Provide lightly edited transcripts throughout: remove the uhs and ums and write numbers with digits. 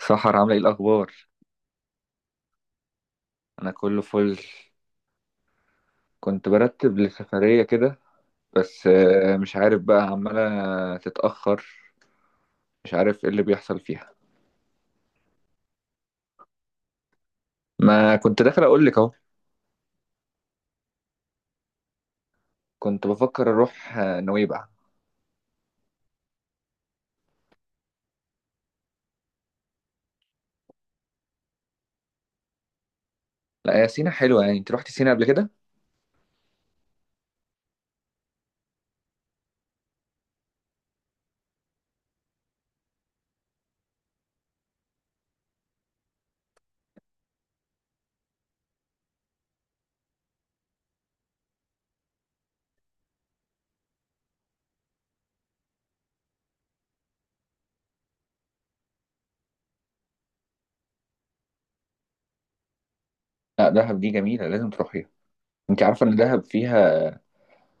سحر عاملة ايه الأخبار؟ أنا كله فل. كنت برتب لسفرية كده بس مش عارف بقى عمالة تتأخر. مش عارف ايه اللي بيحصل فيها. ما كنت داخل أقولك أهو. كنت بفكر أروح نويبع. لا يا سينا حلوة، يعني أنت روحتي سينا قبل كده؟ لا دهب دي جميلة، لازم تروحيها. أنت عارفة إن دهب فيها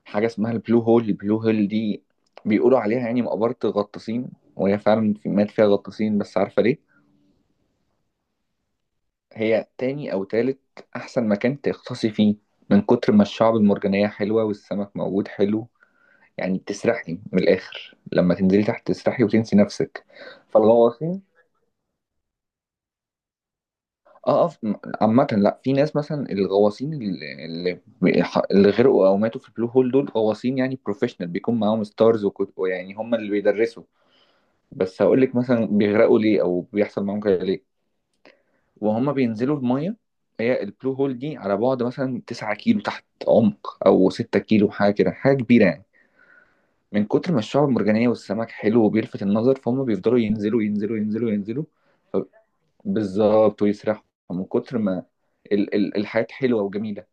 حاجة اسمها البلو هول؟ البلو هول دي بيقولوا عليها يعني مقبرة الغطاسين، وهي فعلا مات فيها غطاسين، بس عارفة ليه؟ هي تاني أو تالت أحسن مكان تغطسي فيه، من كتر ما الشعب المرجانية حلوة والسمك موجود حلو. يعني بتسرحي من الآخر، لما تنزلي تحت تسرحي وتنسي نفسك. فالغواصين، اه اه عامة لا، في ناس مثلا الغواصين اللي اللي غرقوا أو ماتوا في البلو هول دول غواصين يعني بروفيشنال، بيكون معاهم ستارز ويعني هم اللي بيدرسوا. بس هقول لك مثلا بيغرقوا ليه أو بيحصل معاهم كده ليه. وهم بينزلوا المية، هي البلو هول دي على بعد مثلا 9 كيلو تحت عمق، أو 6 كيلو، حاجة كده، حاجة كبيرة يعني. من كتر ما الشعب المرجانية والسمك حلو وبيلفت النظر، فهم بيفضلوا ينزلوا ينزلوا ينزلوا ينزلوا. ف- بالظبط، ويسرحوا. من كتر ما ال الحياة حلوة وجميلة،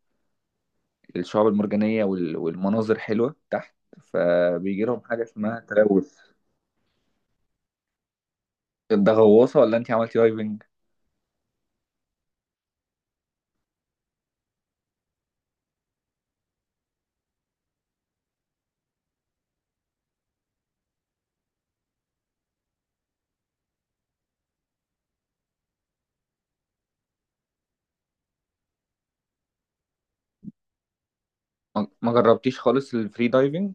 الشعب المرجانية والمناظر حلوة تحت، فبيجي لهم حاجة اسمها تلوث. ده غواصة ولا انت عملتي دايفنج؟ ما جربتيش خالص الفري دايفنج؟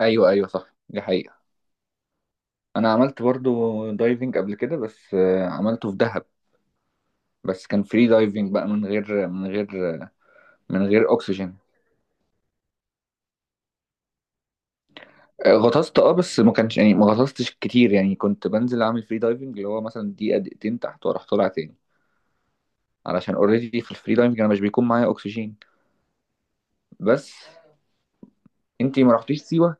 ايوه، ايوه، صح، دي حقيقة. انا عملت برضو دايفنج قبل كده بس عملته في دهب. بس كان فري دايفنج بقى، من غير اكسجين. غطست، اه، بس ما كانش يعني ما غطستش كتير، يعني كنت بنزل اعمل فري دايفنج اللي هو مثلا دقيقة دقيقتين تحت واروح طالع تاني. علشان اوريدي في الفري دايفنج انا مش بيكون معايا اكسجين. بس انتي ما رحتيش سيوة؟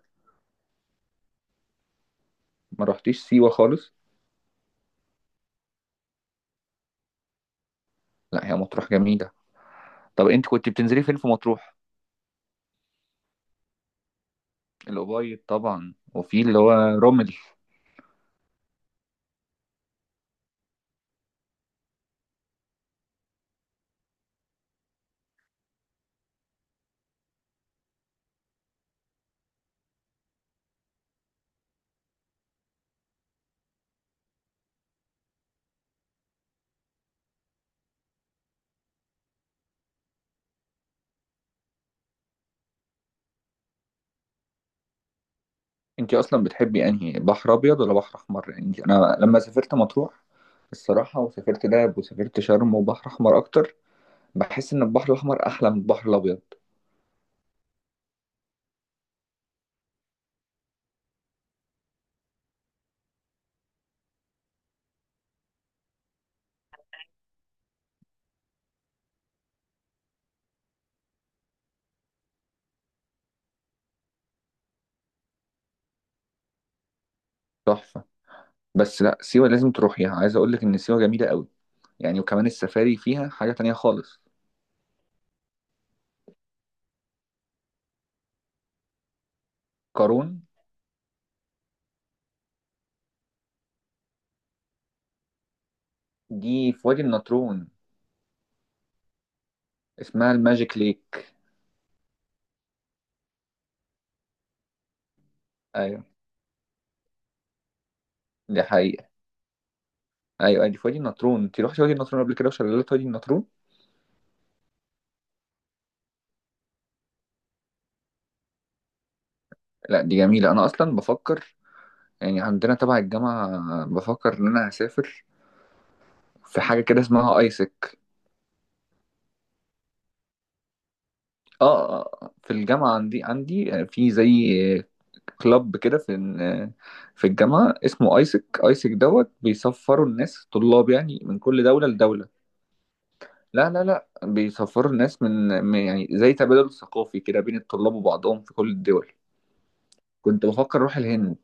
ما رحتيش سيوة خالص؟ لا هي مطروح جميلة. طب انت كنت بتنزلي فين في مطروح؟ الأوبايد طبعا، وفي اللي هو رمل. انت اصلا بتحبي انهي، بحر ابيض ولا بحر احمر؟ يعني انت، انا لما سافرت مطروح الصراحه وسافرت دهب وسافرت شرم، وبحر احمر اكتر، بحس ان البحر الاحمر احلى من البحر الابيض. تحفه. بس لا، سيوه لازم تروحيها، عايز اقول لك ان سيوه جميله قوي، يعني وكمان السفاري فيها حاجه تانية خالص. قارون؟ دي في وادي النطرون. اسمها الماجيك ليك. ايوه دي حقيقه. ايوه، أيوة، دي في وادي النطرون. انت رحتي وادي النطرون قبل كده وشلالات وادي النطرون؟ لا دي جميله. انا اصلا بفكر، يعني عندنا تبع الجامعة، بفكر إن أنا هسافر في حاجة كده اسمها ايسك. اه، في الجامعة عندي في زي كلاب كده، في في الجامعة اسمه ايسك. ايسك دوت بيسفروا الناس طلاب، يعني من كل دولة لدولة. لا لا لا، بيسفروا الناس يعني زي تبادل ثقافي كده بين الطلاب وبعضهم في كل الدول. كنت بفكر اروح الهند.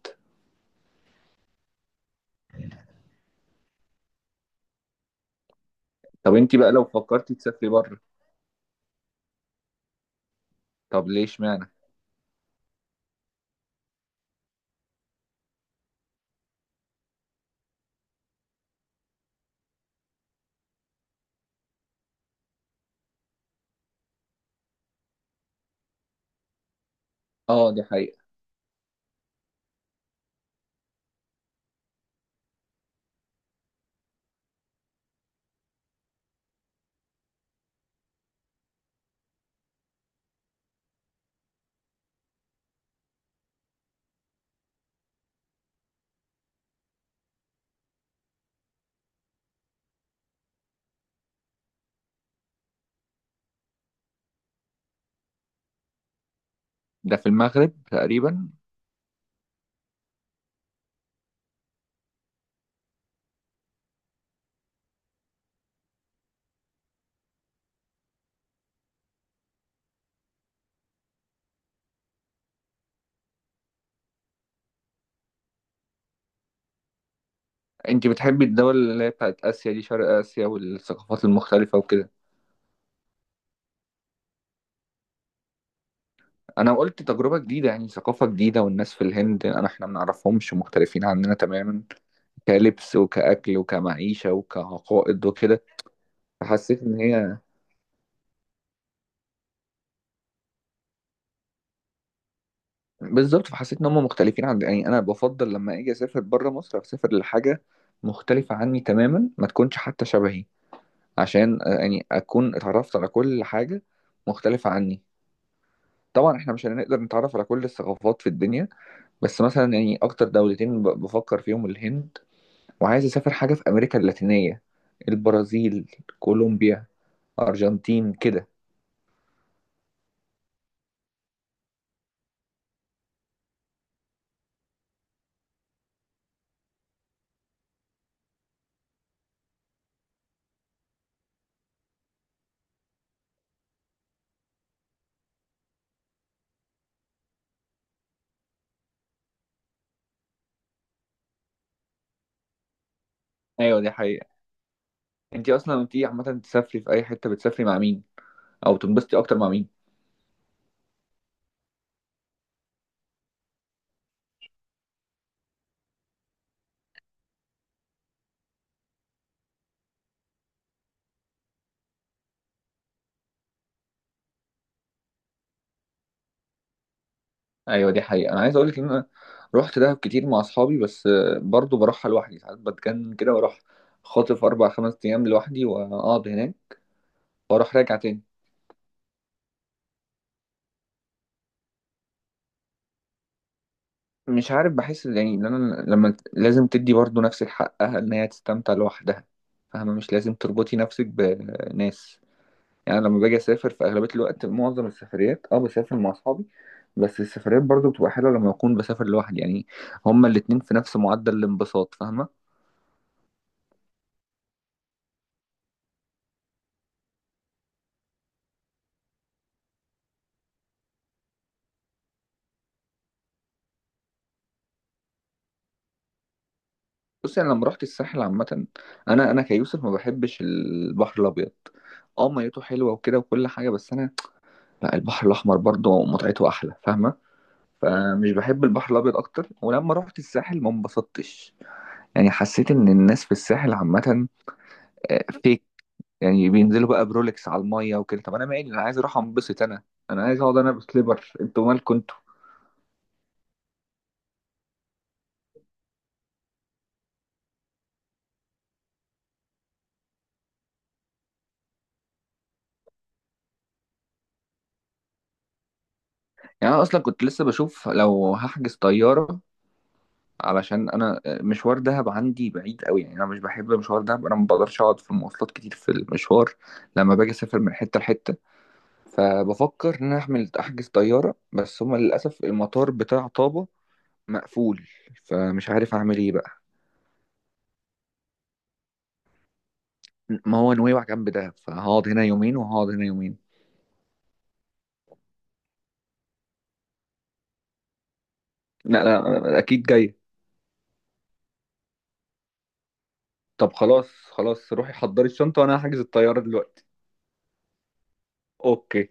طب انتي بقى لو فكرتي تسافري بره؟ طب ليش معنى؟ اه دي حقيقة. ده في المغرب تقريبا. انت بتحبي الدول اللي هي بتاعت اسيا دي، شرق اسيا والثقافات المختلفه وكده؟ انا قلت تجربه جديده يعني، ثقافه جديده، والناس في الهند احنا ما نعرفهمش، مختلفين عننا تماما. كلبس وكاكل وكمعيشه وكعقائد وكده. فحسيت ان هي، بالظبط، فحسيت ان هم مختلفين عن، يعني انا بفضل لما اجي اسافر بره مصر اسافر لحاجه مختلفه عني تماما، ما تكونش حتى شبهي. عشان يعني اكون اتعرفت على كل حاجه مختلفه عني. طبعا احنا مش هنقدر نتعرف على كل الثقافات في الدنيا، بس مثلا يعني اكتر دولتين بفكر فيهم الهند، وعايز اسافر حاجه في امريكا اللاتينيه، البرازيل، كولومبيا، ارجنتين كده. ايوه دي حقيقه. انتي اصلا وانتي عامه تسافري في اي حته بتسافري مع مين؟ او تنبسطي اكتر مع مين؟ ايوه دي حقيقه، انا عايز اقولك ان انا رحت دهب كتير مع اصحابي بس برضو بروحها لوحدي ساعات، بتجنن كده، واروح خاطف اربع خمس ايام لوحدي واقعد هناك واروح راجع تاني. مش عارف، بحس يعني ان انا لما، لازم تدي برضو نفسك حقها ان هي تستمتع لوحدها، فاهمة؟ مش لازم تربطي نفسك بناس. يعني أنا لما باجي اسافر في اغلبية الوقت معظم السفريات اه بسافر مع اصحابي، بس السفريات برضو بتبقى حلوة لما اكون بسافر لوحدي يعني. هما الاتنين في نفس معدل الانبساط، فاهمة؟ بصي يعني انا لما رحت الساحل عامة، انا كيوسف ما بحبش البحر الابيض. اه ميته حلوة وكده وكل حاجة بس انا لا، البحر الاحمر برضو متعته احلى، فاهمة؟ فمش بحب البحر الابيض اكتر، ولما رحت الساحل ما انبسطتش. يعني حسيت ان الناس في الساحل عامه، فيك يعني بينزلوا بقى برولكس على الميه وكده، طب انا مالي، انا عايز اروح انبسط، انا انا عايز اقعد انا بسليبر، انتوا مالكم انتوا. يعني انا اصلا كنت لسه بشوف لو هحجز طياره، علشان انا مشوار دهب عندي بعيد قوي، يعني انا مش بحب مشوار دهب، انا ما بقدرش اقعد في المواصلات كتير في المشوار لما باجي اسافر من حته لحته. فبفكر ان انا احمل احجز طياره، بس هما للاسف المطار بتاع طابا مقفول، فمش عارف اعمل ايه بقى. ما هو نويبع جنب دهب، فهقعد هنا يومين وهقعد هنا يومين. لا لا، اكيد جاي. طب خلاص خلاص، روحي حضري الشنطه وانا هحجز الطياره دلوقتي. اوكي.